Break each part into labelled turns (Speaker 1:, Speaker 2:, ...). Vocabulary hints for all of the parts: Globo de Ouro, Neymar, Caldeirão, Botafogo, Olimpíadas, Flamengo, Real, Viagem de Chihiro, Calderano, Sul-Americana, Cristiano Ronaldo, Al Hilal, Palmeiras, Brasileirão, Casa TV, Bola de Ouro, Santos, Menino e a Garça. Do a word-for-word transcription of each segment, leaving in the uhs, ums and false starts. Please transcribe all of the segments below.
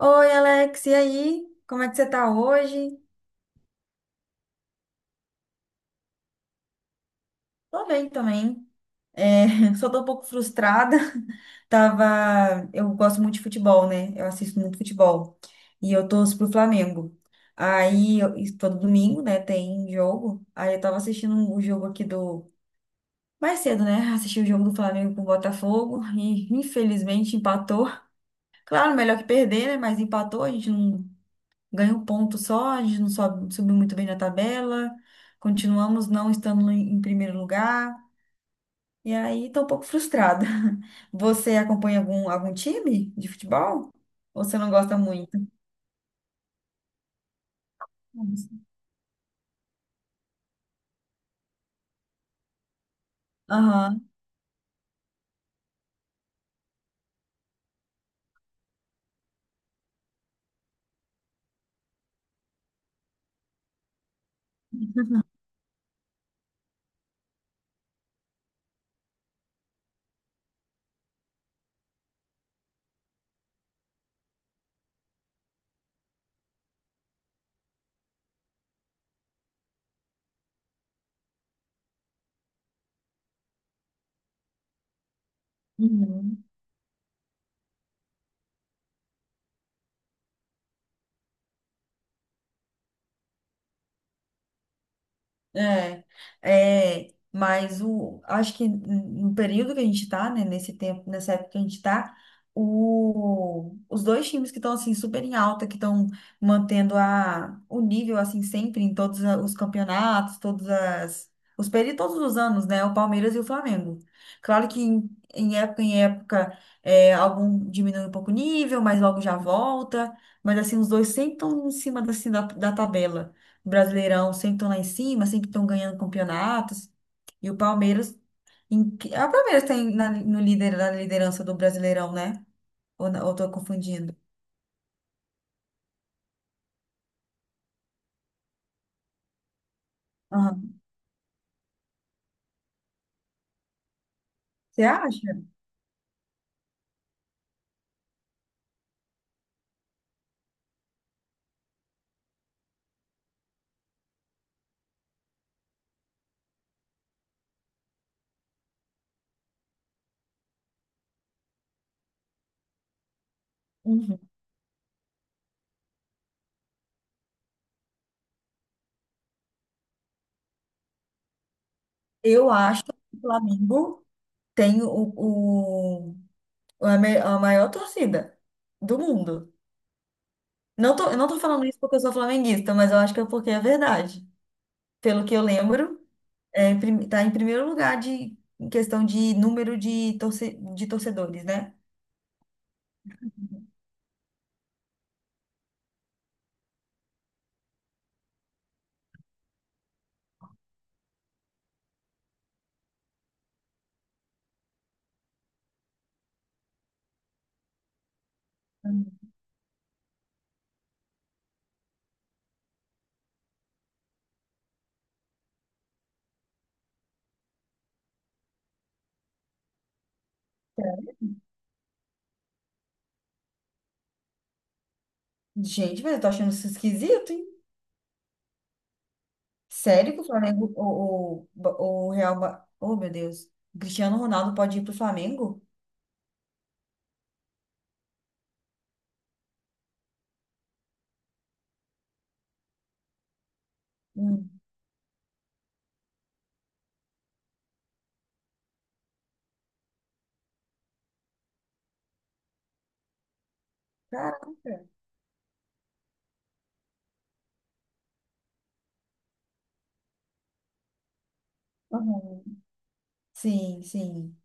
Speaker 1: Oi, Alex, e aí? Como é que você tá hoje? Tô bem também. É, só tô um pouco frustrada. Tava, eu gosto muito de futebol, né? Eu assisto muito futebol. E eu torço pro Flamengo. Aí, eu- e todo domingo, né, tem jogo. Aí eu tava assistindo o jogo aqui do mais cedo, né? Assisti o jogo do Flamengo com o Botafogo e infelizmente empatou. Claro, melhor que perder, né? Mas empatou, a gente não ganha um ponto só. A gente não sobe, subiu muito bem na tabela, continuamos não estando em em primeiro lugar, e aí tô um pouco frustrada. Você acompanha algum, algum time de futebol? Ou você não gosta muito? Nossa. Aham. Uhum. É, é, mas o, acho que no período que a gente tá, né, nesse tempo, nessa época que a gente tá, o, os dois times que estão, assim, super em alta, que estão mantendo a, o nível, assim, sempre em todos a- os campeonatos, todas as, os períodos, todos os anos, né, o Palmeiras e o Flamengo. Claro que em, em época em época, é, algum diminui um pouco o nível, mas logo já volta, mas, assim, os dois sempre estão em cima, assim, da, da tabela. Brasileirão sempre estão lá em cima, sempre estão ganhando campeonatos. E o Palmeiras. Em... que- Ah, o Palmeiras tem na, no líder, na liderança do Brasileirão, né? Ou, não- ou tô confundindo? Aham. Você acha? Uhum. Eu acho que o Flamengo tem o, o, a, me- a maior torcida do mundo. Não tô, eu não tô falando isso porque eu sou flamenguista, mas eu acho que é porque é verdade. Pelo que eu lembro, é, em prim- tá em primeiro lugar de, em questão de número de, torce, de torcedores, né? Uhum. Gente, mas eu tô achando isso esquisito, hein? Sério que o Flamengo, o, o, o Real. Ma- Oh, meu Deus. O Cristiano Ronaldo pode ir pro Flamengo? Hum. Caraca. Uhum. Sim, sim.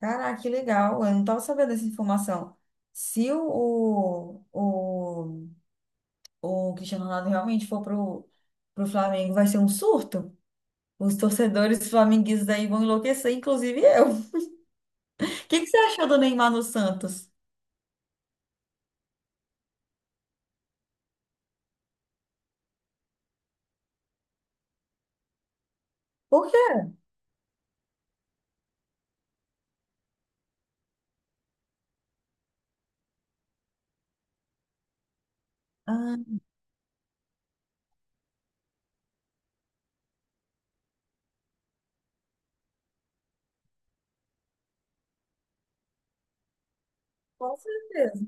Speaker 1: Caraca, que legal. Eu não tava sabendo dessa informação. Se o, o, o, o Cristiano Ronaldo realmente for pro, pro Flamengo, vai ser um surto? Os torcedores flamenguistas aí vão enlouquecer, inclusive eu. O que que você achou do Neymar no Santos? Por quê? Ah, com certeza.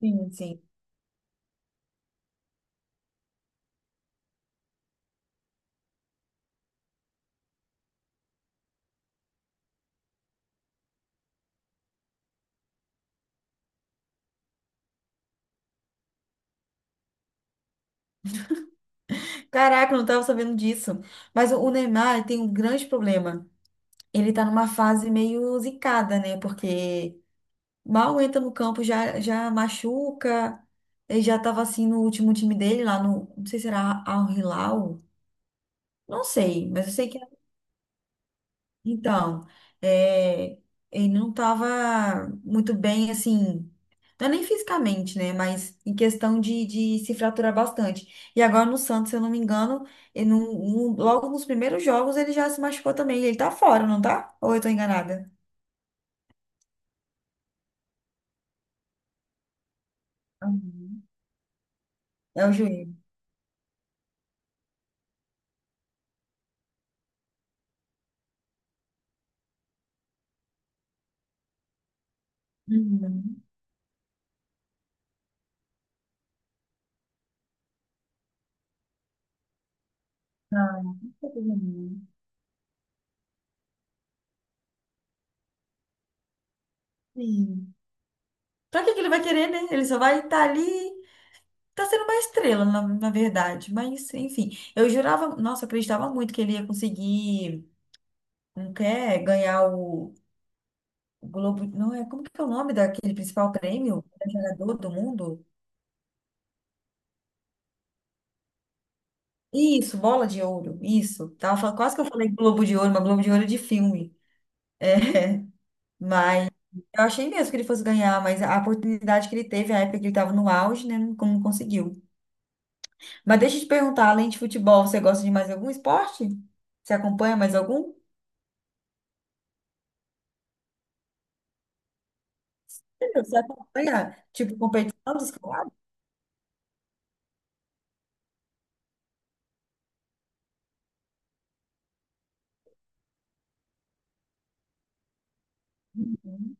Speaker 1: Sim, sim. Caraca, eu não tava sabendo disso. Mas o o Neymar ele tem um grande problema. Ele tá numa fase meio zicada, né? Porque mal entra no campo, já, já machuca. Ele já tava assim no último time dele, lá no. Não sei se era Al Hilal. Não sei, mas eu sei que então, é, ele não estava muito bem, assim, não é nem fisicamente, né? Mas em questão de, de se fraturar bastante. E agora no Santos, se eu não me engano, ele não- não- logo nos primeiros jogos ele já se machucou também. Ele tá fora, não tá? Ou eu tô enganada? Uhum. É o joelho. Uhum. Ah, não tem problema nenhum. Sim. Pra que que ele vai querer, né? Ele só vai estar ali. Tá sendo uma estrela, na, na verdade. Mas, enfim, eu jurava, nossa, eu acreditava muito que ele ia conseguir, não quer ganhar o, o Globo, não é, como que é o nome daquele principal prêmio? Jogador do mundo? Isso, bola de ouro, isso. Tava, falando- quase que eu falei Globo de Ouro, mas Globo de Ouro é de filme. É, mas eu achei mesmo que ele fosse ganhar, mas a oportunidade que ele teve, a época que ele estava no auge, né, não, não conseguiu. Mas deixa eu te perguntar, além de futebol, você gosta de mais algum esporte? Você acompanha mais algum? Você acompanha, tipo, competição dos caras? Uhum.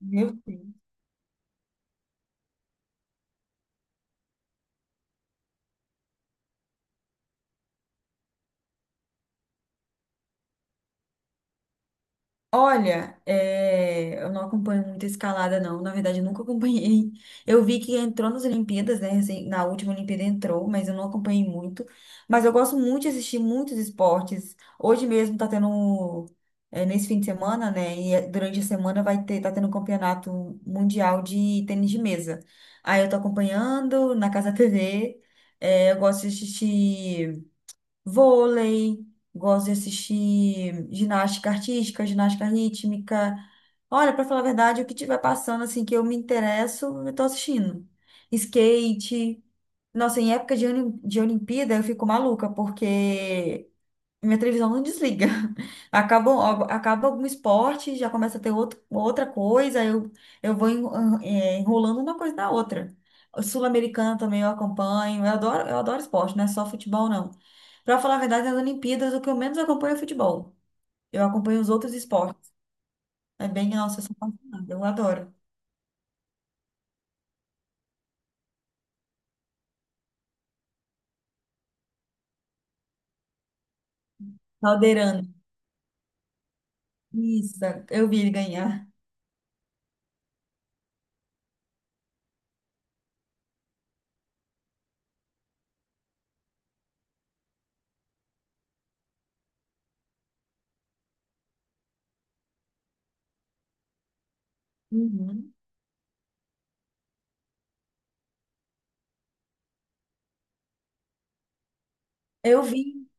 Speaker 1: Meu Deus. Olha, é, eu não acompanho muito escalada, não. Na verdade, eu nunca acompanhei. Eu vi que entrou nas Olimpíadas, né? Recém- na última Olimpíada entrou, mas eu não acompanhei muito. Mas eu gosto muito de assistir muitos esportes. Hoje mesmo tá tendo, é, nesse fim de semana, né? E é- durante a semana vai ter, tá tendo um campeonato mundial de tênis de mesa. Aí eu tô acompanhando na Casa T V. É, eu gosto de assistir. Vôlei, gosto de assistir ginástica artística, ginástica rítmica. Olha, para falar a verdade, o que tiver passando assim que eu me interesso, eu tô assistindo. Skate. Nossa, em época de, Olim- de Olimpíada eu fico maluca, porque minha televisão não desliga. Acaba, algo- acaba algum esporte, já começa a ter outro, outra coisa, eu, eu vou en- eh, enrolando uma coisa na outra. O Sul-Americana também eu acompanho, eu adoro, eu adoro esporte, não é só futebol, não. Pra falar a verdade, nas Olimpíadas, o que eu menos acompanho é futebol. Eu acompanho os outros esportes. É bem, nossa, eu sou apaixonada, eu adoro. Caldeirante. Isso, eu vi ele ganhar. Uhum. Eu vi.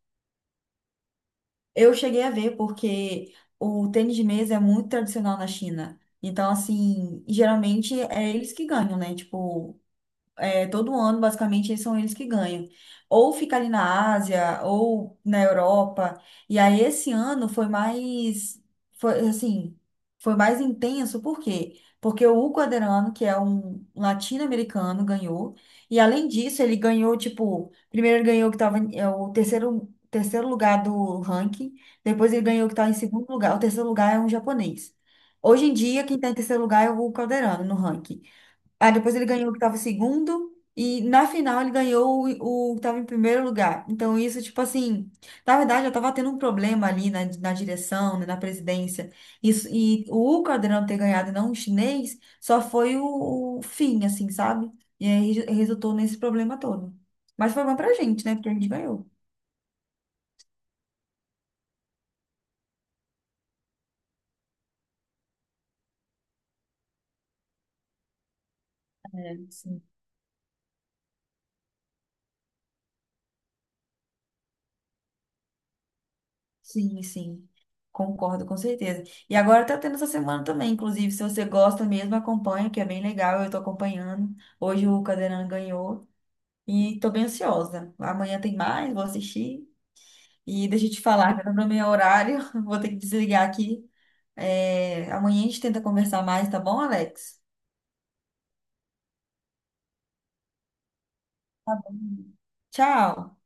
Speaker 1: Eu cheguei a ver porque o tênis de mesa é muito tradicional na China. Então, assim, geralmente é eles que ganham, né? Tipo, é, todo ano, basicamente, eles são eles que ganham. Ou fica ali na Ásia, ou na Europa. E aí, esse ano foi mais, foi, assim, foi mais intenso, por quê? Porque o Quaderano, que é um latino-americano, ganhou. E além disso, ele ganhou, tipo, primeiro ele ganhou que tava em- é o terceiro, terceiro lugar do ranking, depois ele ganhou que estava em segundo lugar. O terceiro lugar é um japonês. Hoje em dia, quem está em terceiro lugar é o Calderano no ranking. Ah, depois ele ganhou o que tava segundo. E na final ele ganhou o, o que tava em primeiro lugar. Então, isso, tipo assim, na verdade, eu tava tendo um problema ali na, na direção, né, na presidência. Isso, e o Caldeirão ter ganhado e não o chinês só foi o, o fim, assim, sabe? E aí re- resultou nesse problema todo. Mas foi bom pra gente, né? Porque a gente ganhou. Sim, sim. Concordo, com certeza. E agora tá tendo essa semana também, inclusive, se você gosta mesmo, acompanha, que é bem legal, eu tô acompanhando. Hoje o Cadeirão ganhou e tô bem ansiosa. Amanhã tem mais, vou assistir. E deixa eu te falar, tá no meu horário, vou ter que desligar aqui. É, amanhã a gente tenta conversar mais, tá bom, Alex? Tchau!